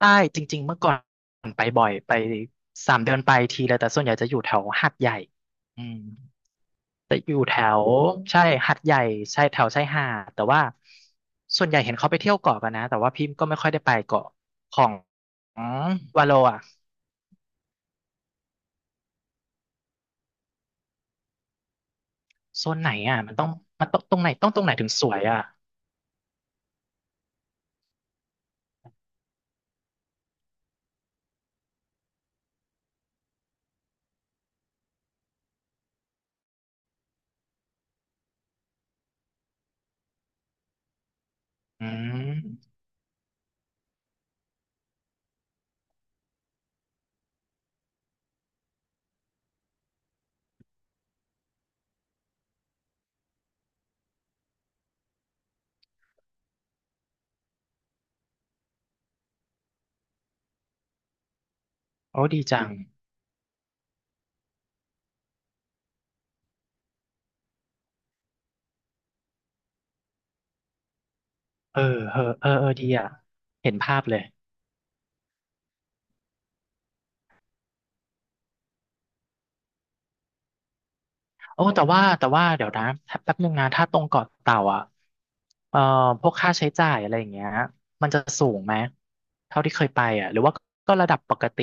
ใต้จริงๆเมื่อก่อนไปบ่อยไปสามเดือนไปทีเลยแต่ส่วนใหญ่จะอยู่แถวหาดใหญ่อืมแต่อยู่แถวใช่หาดใหญ่ใช่แถวชายหาดแต่ว่าส่วนใหญ่เห็นเขาไปเที่ยวเกาะกันนะแต่ว่าพี่ก็ไม่ค่อยได้ไปเกาะของวาโลอ่ะโซนไหนอ่ะมันต้องมันต้องตรงไหนต้องตรงไหนถึงสวยอ่ะอืมโอ้ดีจังเออเออดีอ่ะเห็นภาพเลย โอ้แต่ว่าแต่ว่าเดี๋ยวนะแป๊บนึงนะถ้าตรงเกาะเต่าอ่ะเอ่อพวกค่าใช้จ่ายอะไรอย่างเงี้ยมันจะสูงไหมเท่าที่เคยไปอ่ะหรือว่าก็ระดับปกติ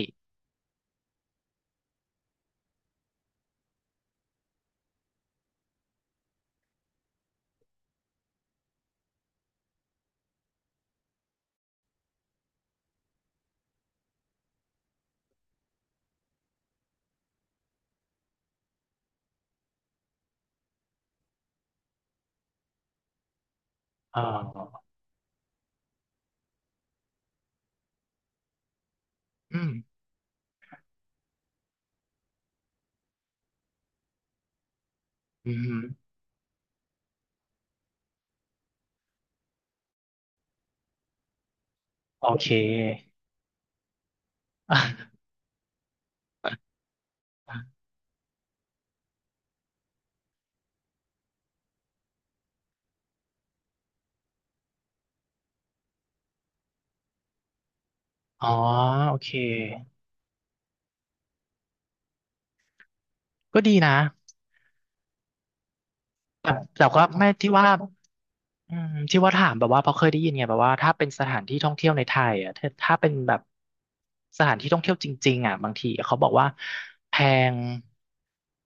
เอออืมอืมโอเค อ๋อโอเคก็ดีนะแต่แต่ก็ไม่ที่ว่า อืมที่ว่าถามแบบว่าเพราะเคยได้ยินไงแบบว่าถ้าเป็นสถานที่ท่องเที่ยวในไทยอ่ะถ้าเป็นแบบสถานที่ท่องเที่ยวจริงๆอ่ะบางทีเขาบอกว่าแพง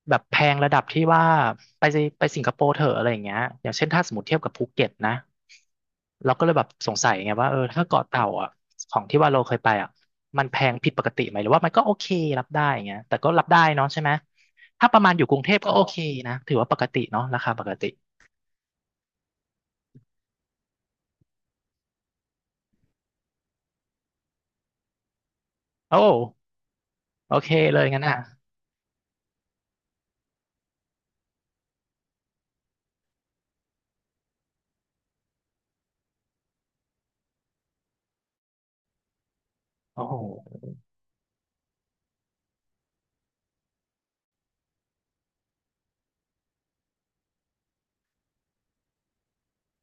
แบบแพงระดับที่ว่าไปไปสิงคโปร์เถอะอะไรอย่างเงี้ยอย่างเช่นถ้าสมมติเทียบกับภูเก็ตนะเราก็เลยแบบสงสัยไงว่าเออถ้าเกาะเต่าอ่ะของที่ว่าเราเคยไปอ่ะมันแพงผิดปกติไหมหรือว่ามันก็โอเครับได้อย่างเงี้ยแต่ก็รับได้เนาะใช่ไหมถ้าประมาณอยู่กรุงเทพก็โอเคนะถือว่าปกติเนาะราคาปกติโอ้ โอเคเลยงั้นอ่ะโอ้โห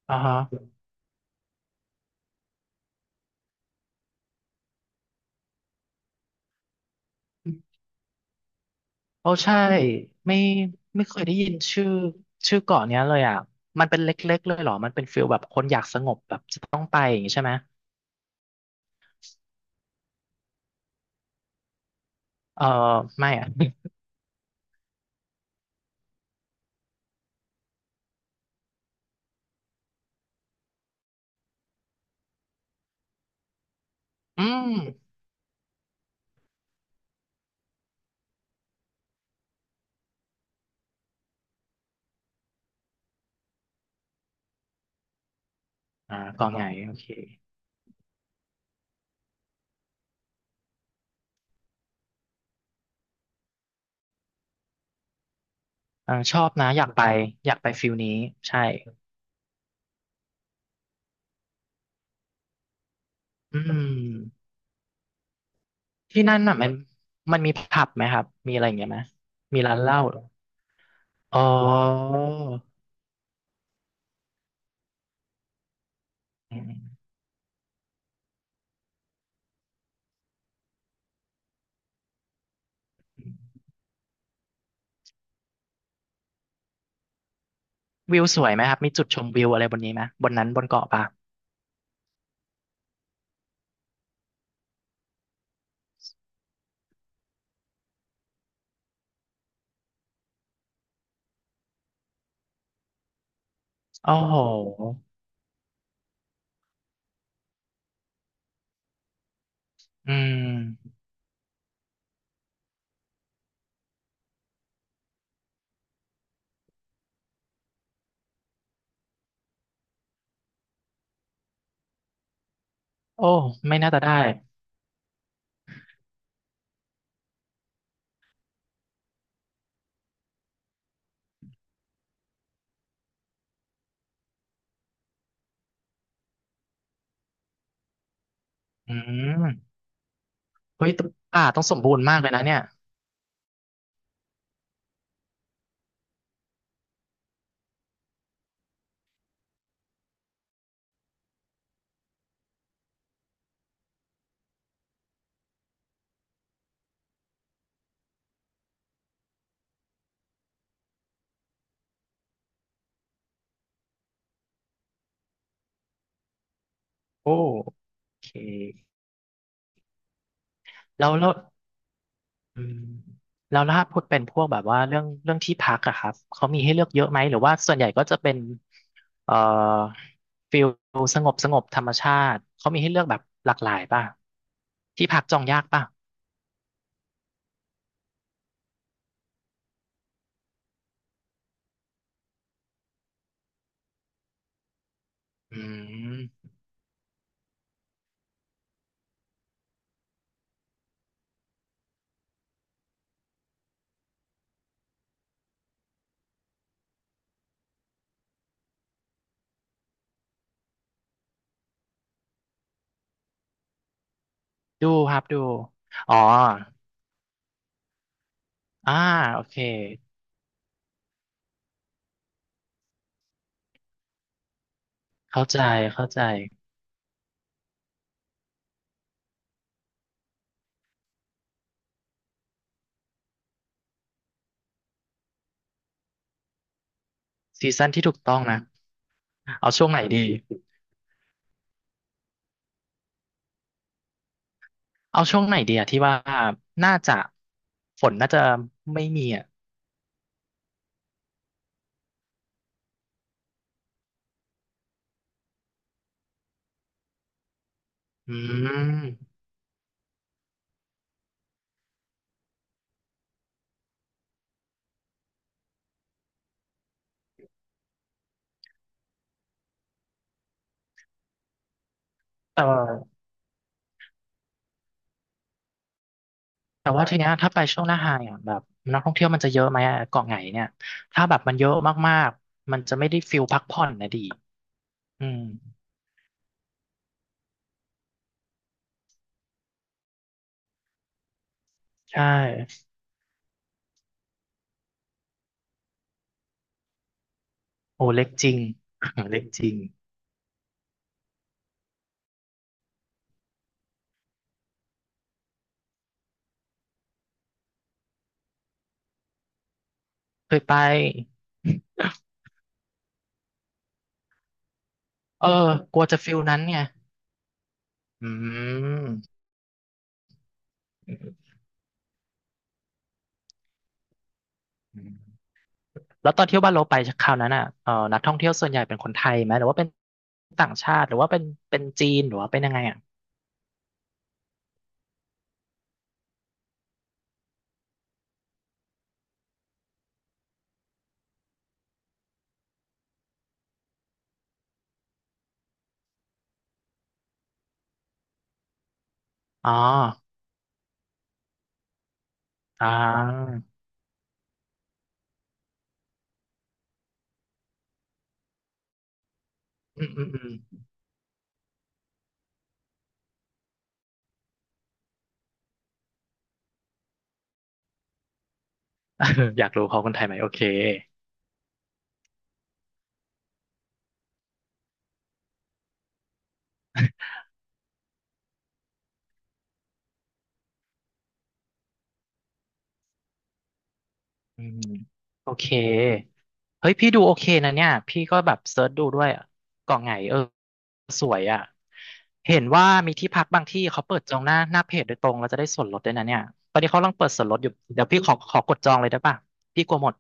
อ่าฮะโอ้ใช่ไม่ไม่เคยได้ยินชื่อชื่อเกาะเนี้ยเลยอ่ะมันเป็นเล็กๆเลยเหรอมันเป็นฟิลแบบคนอยากสงบแบบจะต้องไปอย่างงี้ใช่ไหมเออไม่อ่ะ อืมอ่าเกาะไงโอเคเออชอบนะอยากไปอยากไปฟิลนี้ใช่อืมที่นั่นน่ะมันมันมีผับไหมครับมีอะไรอย่างเงี้ยไหมมีร้านเหล้าเหรออ๋ออืมวิวสวยไหมครับมีจุดชมวิวอะไรบนนี้ไหมบนนั้นบนเกาะปะ โอ้โหอืมโอ้ ไม่น่าจะได้อืมเฮ้ยป่าต้องสมบูรณ์มากเลยนะเนี่ย โอ้โอเคแล้วอืมแล้วถ้าพูดเป็นพวกแบบว่าเรื่องที่พักอะครับ เขามีให้เลือกเยอะไหม หรือว่าส่วนใหญ่ก็จะเป็นเอ่อฟิลสงบสงบธรรมชาติ เขามีให้เลือกแบบหลากหลายป่ะที่พักจองยากป่ะอืมดูครับดูอ๋ออ่าโอเค เข้าใจเข้าใจ ซีซั่นที่ถูกต้องนะเอาช่วงไหนดีเอาช่วงไหนดีอะที่ว่าน่าจะฝนน่าจะไม่มีอะอืมแต่ว่าแต่ว่าทีเนี้ยถ้าไปช่วงหน้าไฮอ่ะแบบนักท่องเที่ยวมันจะเยอะไหมอะเกาะไหนเนี่ยถ้าแบบมันเยอะมากๆมันจะไม่ได้ฟิลพักผ่อนนะดีอืมใช่โอ้เล็กจริง เล็กจริงเคยไปเออกลัวจะฟิลนั้นไงอืม แล้วตอนเที่ยวบ้านเราไปคราวนั้นอ่ะนักท่องเที่ยวส่วนใหญ่เป็นคนไทยไหมหรือว่าเป็นต่างชาติหรือว่าเป็นเป็นจีนหรือว่าเป็นยังไงอ่ะอ๋ออ่าอืมอืม อืมเอออยากรู้เขาคนไทยไหมโอเคอืมโอเคเฮ้ยพี่ดูโอเคนะเนี่ยพี่ก็แบบเซิร์ชดูด้วยอะเกาะไหงเออสวยอ่ะเห็นว่ามีที่พักบางที่เขาเปิดจองหน้าหน้าเพจโดยตรงเราจะได้ส่วนลดด้วยนะเนี่ยตอนนี้เขากำลังเปิดส่วนลดอยู่เดี๋ยวพี่ขอกดจองเลยได้ป่ะพี่กลัวหมด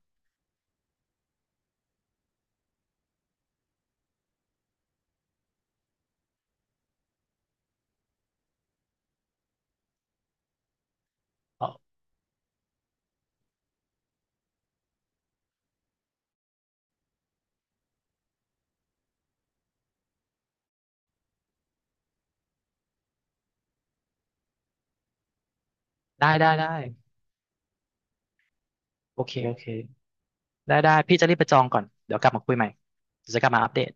อ๋อได้ได้ได้ โอเค โอเคได้ได้ พี่จะรีบไปจองก่อน เดี๋ยวกลับมาคุยใหม่เดี๋ยวจะกลับมาอัปเดต